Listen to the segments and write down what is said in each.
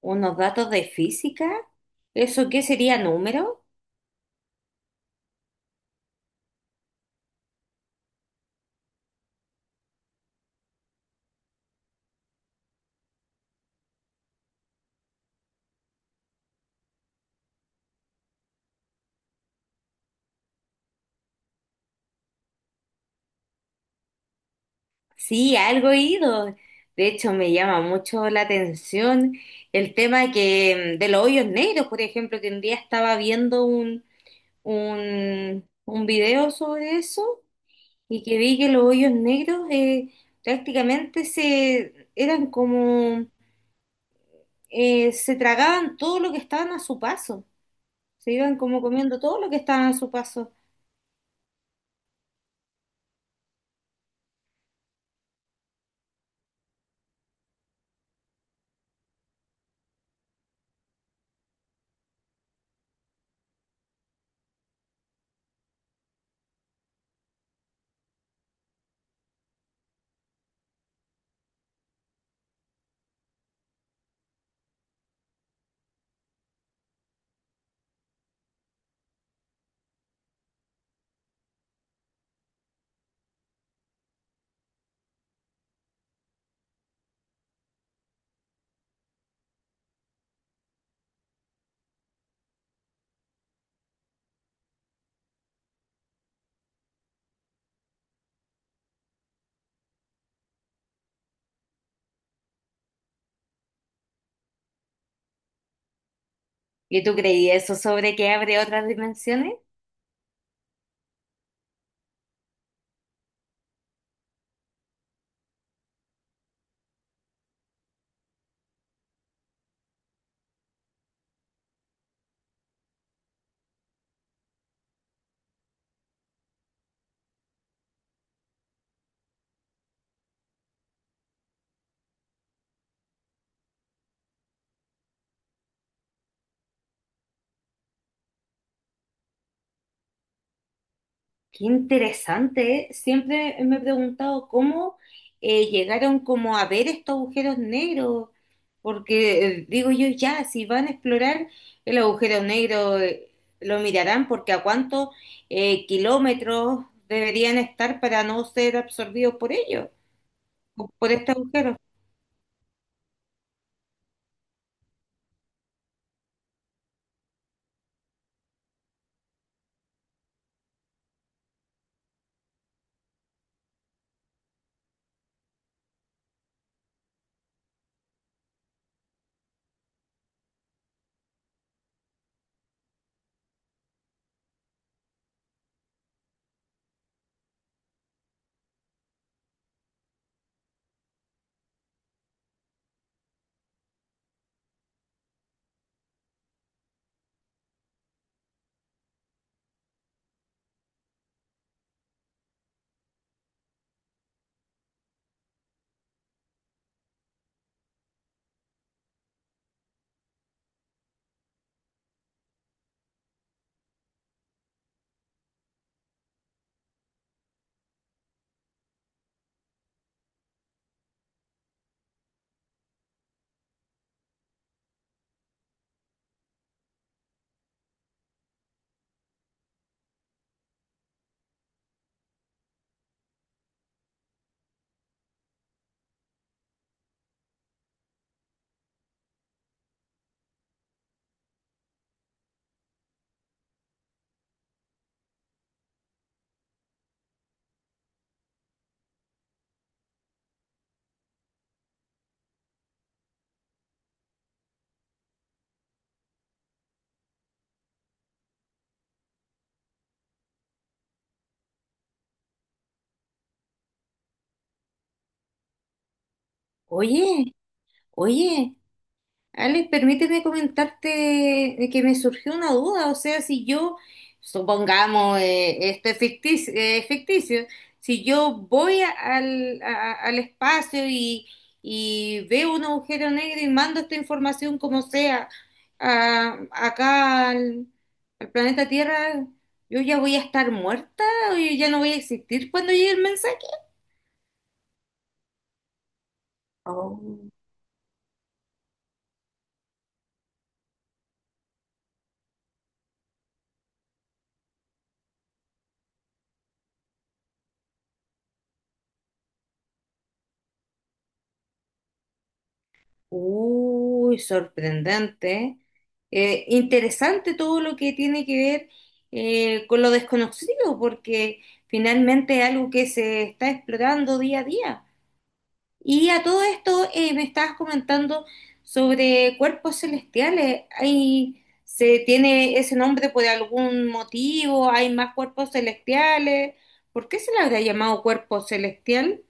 Unos datos de física. ¿Eso qué sería número? Sí, algo he ido. De hecho, me llama mucho la atención el tema de los hoyos negros, por ejemplo, que un día estaba viendo un video sobre eso y que vi que los hoyos negros prácticamente se eran como se tragaban todo lo que estaban a su paso. Se iban como comiendo todo lo que estaban a su paso. ¿Y tú creías eso sobre que abre otras dimensiones? Qué interesante, ¿eh? Siempre me he preguntado cómo llegaron como a ver estos agujeros negros, porque digo yo, ya, si van a explorar el agujero negro, lo mirarán porque a cuántos kilómetros deberían estar para no ser absorbidos por ellos, por este agujero. Oye, oye. Alex, permíteme comentarte que me surgió una duda, o sea, si yo, supongamos, esto es ficticio, ficticio, si yo voy a- al espacio y veo un agujero negro y mando esta información como sea acá al, al planeta Tierra, ¿yo ya voy a estar muerta o yo ya no voy a existir cuando llegue el mensaje? Oh. Uy, sorprendente. Interesante todo lo que tiene que ver con lo desconocido, porque finalmente es algo que se está explorando día a día. Y a todo esto me estabas comentando sobre cuerpos celestiales. ¿Hay, se tiene ese nombre por algún motivo? ¿Hay más cuerpos celestiales? ¿Por qué se le habría llamado cuerpo celestial?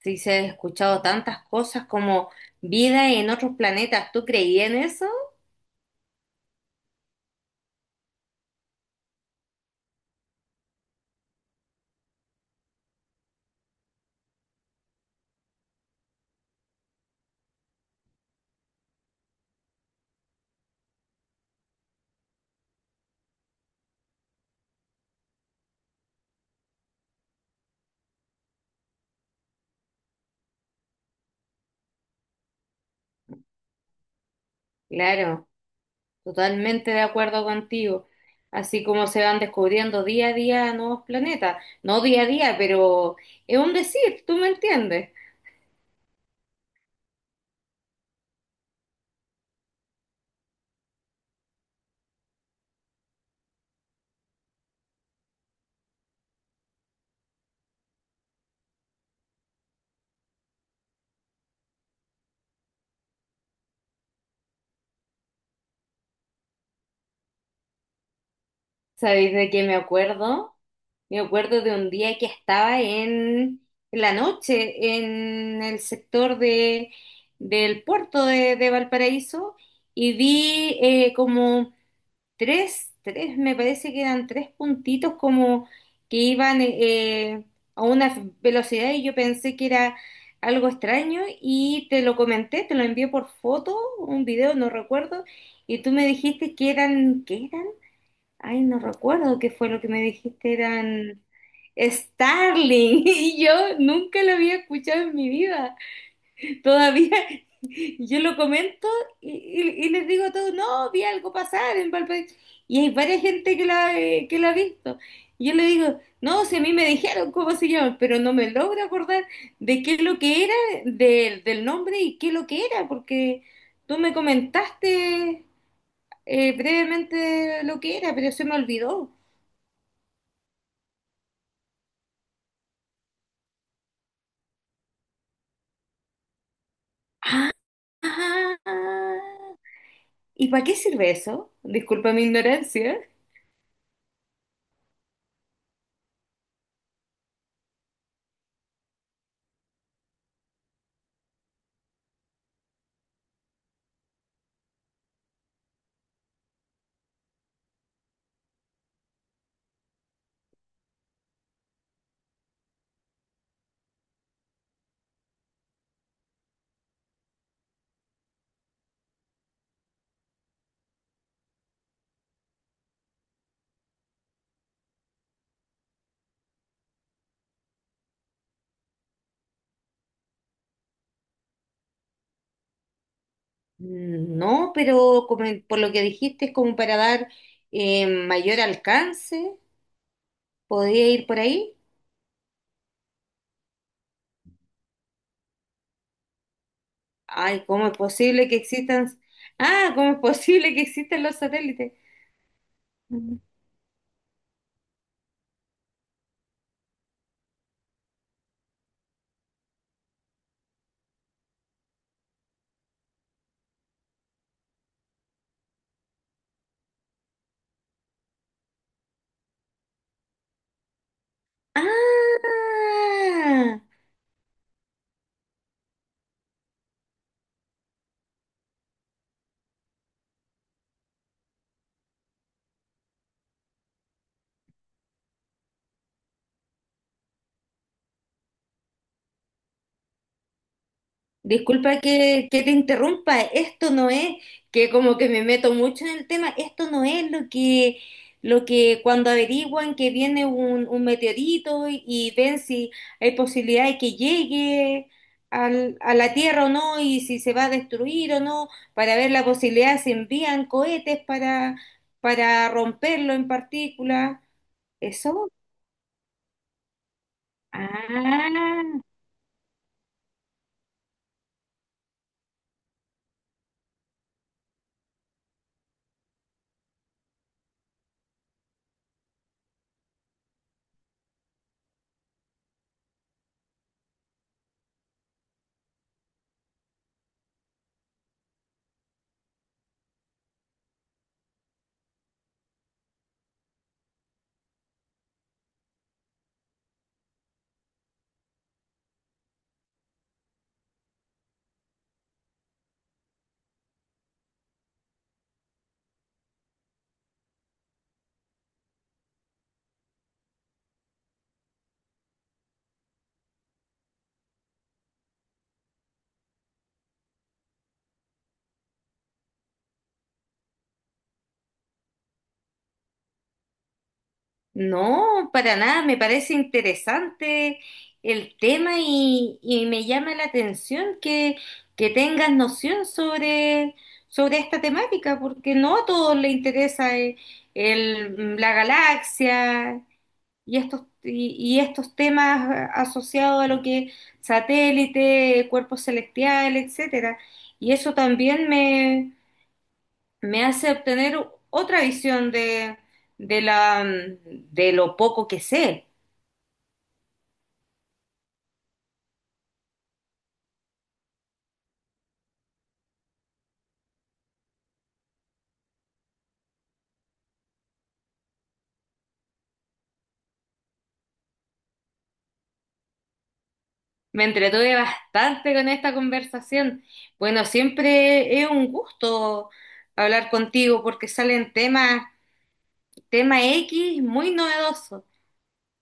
Sí, se ha escuchado tantas cosas como vida en otros planetas. ¿Tú creías en eso? Claro, totalmente de acuerdo contigo. Así como se van descubriendo día a día nuevos planetas. No día a día, pero es un decir, ¿tú me entiendes? ¿Sabéis de qué me acuerdo? Me acuerdo de un día que estaba en la noche en el sector de, del puerto de Valparaíso y vi como me parece que eran tres puntitos como que iban a una velocidad y yo pensé que era algo extraño y te lo comenté, te lo envié por foto, un video, no recuerdo, y tú me dijiste que eran, ¿qué eran? Ay, no recuerdo qué fue lo que me dijiste, eran Starling y yo nunca lo había escuchado en mi vida. Todavía yo lo comento y les digo a todos, no, vi algo pasar en Valparaíso. Y hay varias gente que la ha visto. Y yo le digo, no, si a mí me dijeron cómo se llama, pero no me logro acordar de qué es lo que era, del nombre y qué es lo que era, porque tú me comentaste brevemente lo que era, pero se me olvidó. Ah, ¿y para qué sirve eso? Disculpa mi ignorancia. No, pero como por lo que dijiste, es como para dar mayor alcance. ¿Podría ir por ahí? Ay, ¿cómo es posible que existan? Ah, ¿cómo es posible que existan los satélites? Mm. Ah, disculpa que te interrumpa, esto no es que como que me meto mucho en el tema, esto no es lo que cuando averiguan que viene un meteorito y ven si hay posibilidad de que llegue a la Tierra o no y si se va a destruir o no, para ver la posibilidad si envían cohetes para romperlo en partículas, ¿eso? Ah. No, para nada, me parece interesante el tema y me llama la atención que tengas noción sobre, sobre esta temática, porque no a todos les interesa la galaxia y estos temas asociados a lo que satélite, cuerpos celestiales, etcétera. Y eso también me hace obtener otra visión de la, de lo poco que sé. Me entretuve bastante con esta conversación. Bueno, siempre es un gusto hablar contigo porque salen temas, tema X muy novedosos.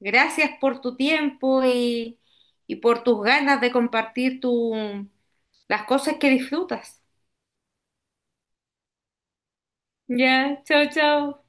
Gracias por tu tiempo y por tus ganas de compartir tu, las cosas que disfrutas. Ya, chao, chao.